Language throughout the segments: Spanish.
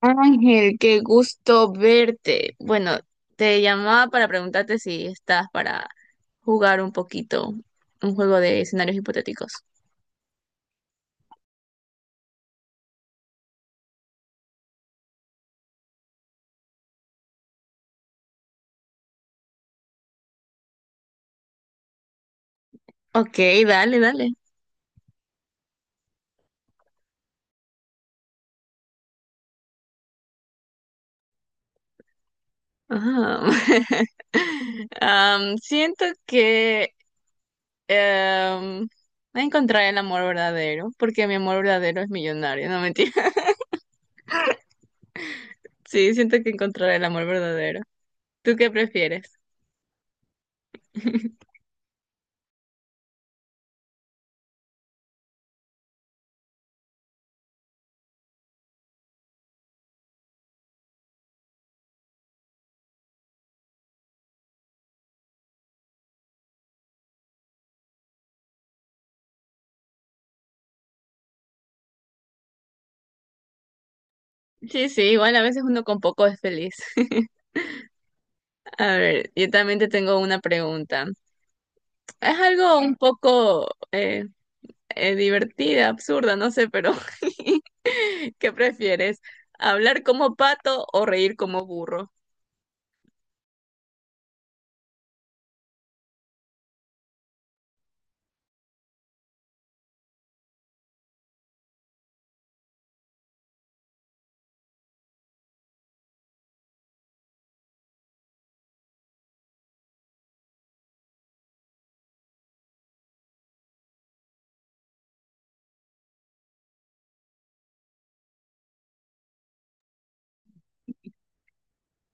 Ángel, qué gusto verte. Bueno, te llamaba para preguntarte si estás para jugar un poquito un juego de escenarios hipotéticos. Ok, dale, dale. Ajá. Siento que em, voy a encontrar el amor verdadero, porque mi amor verdadero es millonario, no mentira. Sí, siento que encontraré el amor verdadero. ¿Tú qué prefieres? Sí, sí, igual a veces uno con poco es feliz. A ver, yo también te tengo una pregunta. Es algo un poco eh, divertida, absurda, no sé, pero ¿qué prefieres? ¿Hablar como pato o reír como burro?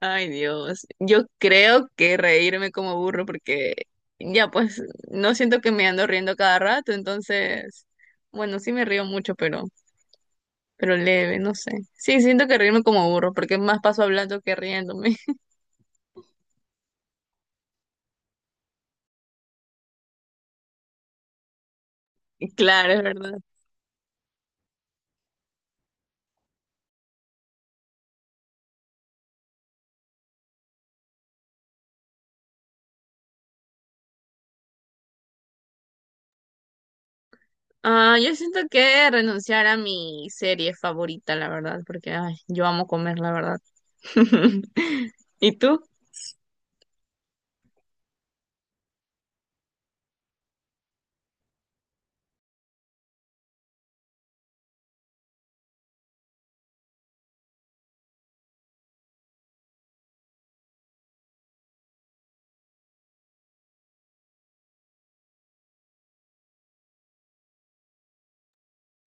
Ay, Dios, yo creo que reírme como burro porque ya pues no siento que me ando riendo cada rato, entonces, bueno, sí me río mucho, pero leve, no sé. Sí, siento que reírme como burro porque más paso hablando que riéndome. Claro, es verdad. Ah, yo siento que renunciar a mi serie favorita, la verdad, porque ay, yo amo comer, la verdad. ¿Y tú?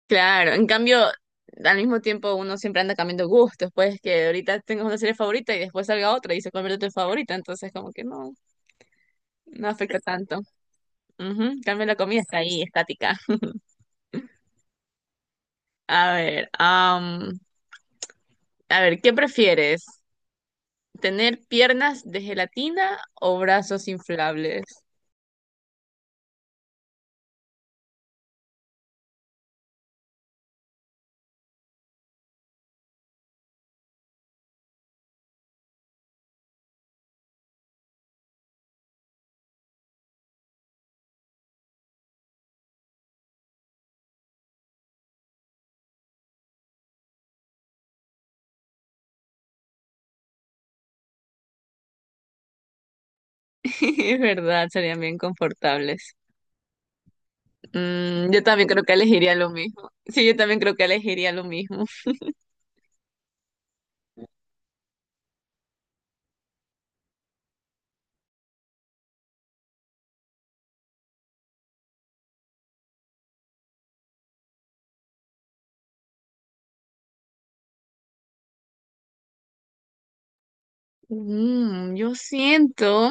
Claro, en cambio, al mismo tiempo uno siempre anda cambiando gustos, pues que ahorita tengas una serie favorita y después salga otra y se convierte en tu favorita, entonces como que no, no afecta tanto. Ujú, en cambio la comida está ahí, estática. A ver, a ver, ¿qué prefieres? ¿Tener piernas de gelatina o brazos inflables? Es verdad, serían bien confortables. Mm, yo también creo que elegiría lo mismo. Sí, yo también creo que elegiría lo mismo. Mm, yo siento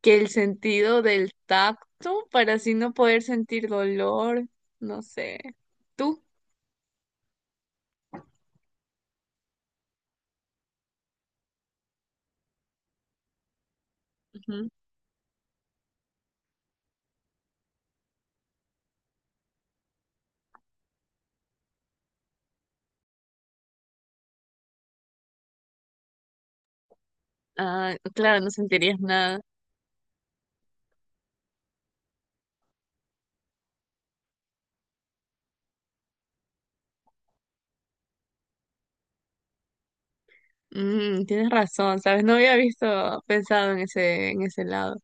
que el sentido del tacto, para así no poder sentir dolor, no sé. ¿Tú? Ujú. Ah, claro, no sentirías nada. Mm, tienes razón, ¿sabes? No había visto, pensado en ese lado.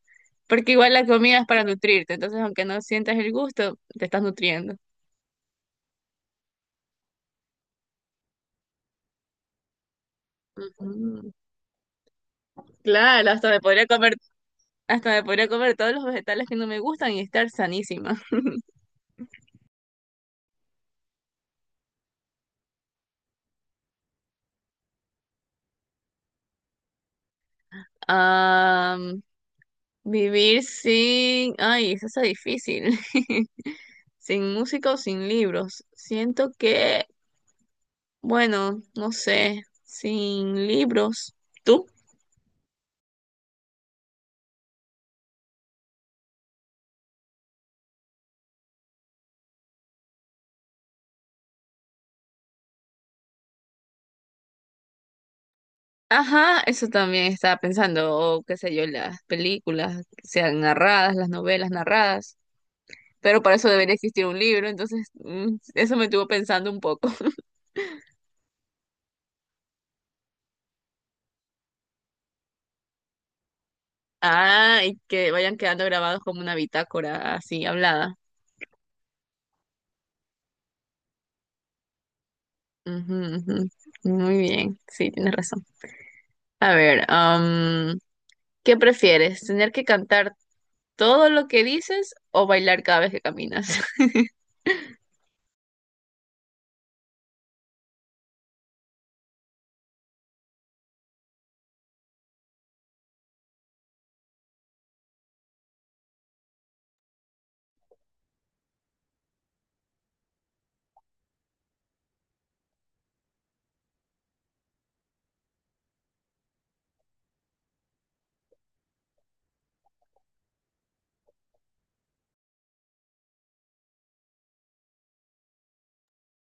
Porque igual la comida es para nutrirte, entonces aunque no sientas el gusto, te estás nutriendo. Ujú. Claro, hasta me podría comer, hasta me podría comer todos los vegetales que no me gustan y estar sanísima. Ah, vivir sin, ay, eso está difícil. Sin música o sin libros. Siento que, bueno, no sé, sin libros. ¿Tú? Ajá, eso también estaba pensando, o qué sé yo, las películas, que sean narradas, las novelas narradas, pero para eso debería existir un libro, entonces mm, eso me estuvo pensando un poco. Ah, y que vayan quedando grabados como una bitácora así hablada. Ujú, ujú. Muy bien, sí, tienes razón. A ver, ¿qué prefieres? ¿Tener que cantar todo lo que dices o bailar cada vez que caminas?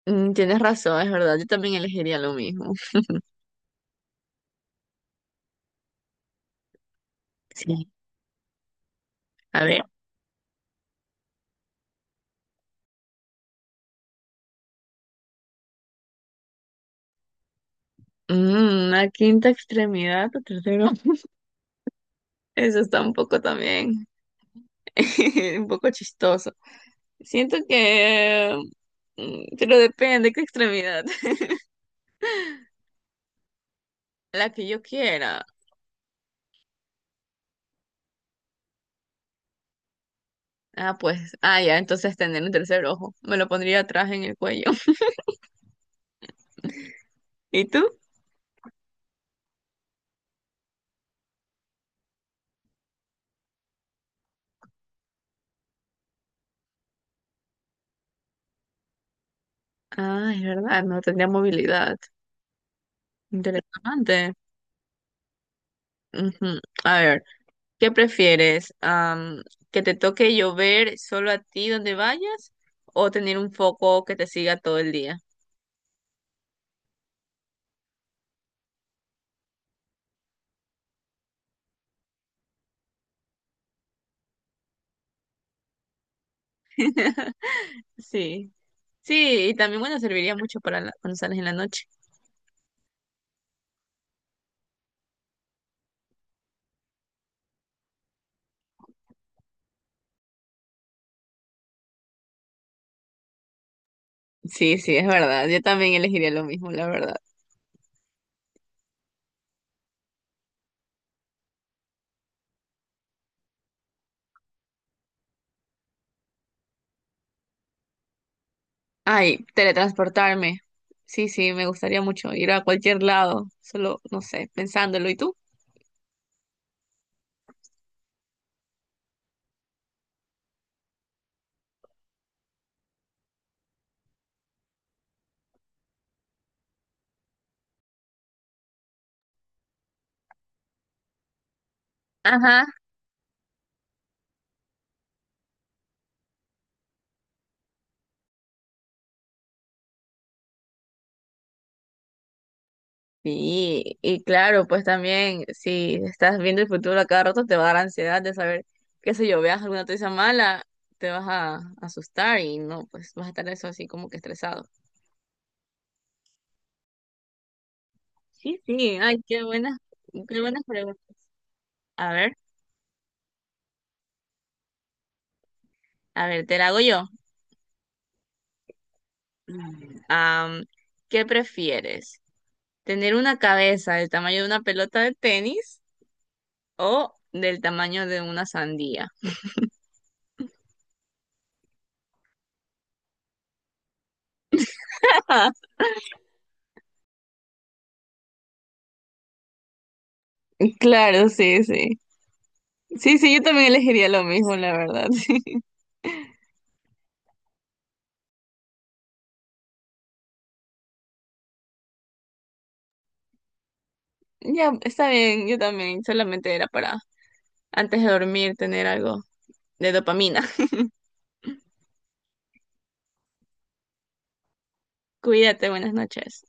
Mm, tienes razón, es verdad, yo también elegiría lo mismo. Sí, a ver. Mm, una quinta extremidad, o tercero. Eso está un poco también, un poco chistoso. Siento que, mm, pero depende qué extremidad. La que yo quiera. Ah, pues, ah, ya, entonces tener un tercer ojo. Me lo pondría atrás en el cuello. ¿Y tú? Ah, es verdad, no tendría movilidad. Interesante. Ujú. A ver, ¿qué prefieres? ¿Que te toque llover solo a ti donde vayas o tener un foco que te siga todo el día? Sí. Sí, y también, bueno, serviría mucho para la- cuando sales en la noche. Sí, sí, es verdad. Yo también elegiría lo mismo, la verdad. Ay, teletransportarme. Sí, sí, me gustaría mucho ir a cualquier lado, solo, no sé, pensándolo. ¿Y tú? Ajá. Sí, y claro, pues también si estás viendo el futuro a cada rato te va a dar ansiedad de saber, qué sé yo, veas alguna noticia mala, te vas a asustar y no, pues vas a estar eso así como que estresado. Sí, sí, ay, qué buenas preguntas. A ver, a ver, te la hago yo. Am, ¿Qué prefieres? ¿Tener una cabeza del tamaño de una pelota de tenis o del tamaño de una sandía? Ah, claro, sí, sí. Sí, sí, yo también elegiría lo mismo, la verdad, sí. Ya, está bien, yo también. Solamente era para antes de dormir tener algo de dopamina. Cuídate, buenas noches.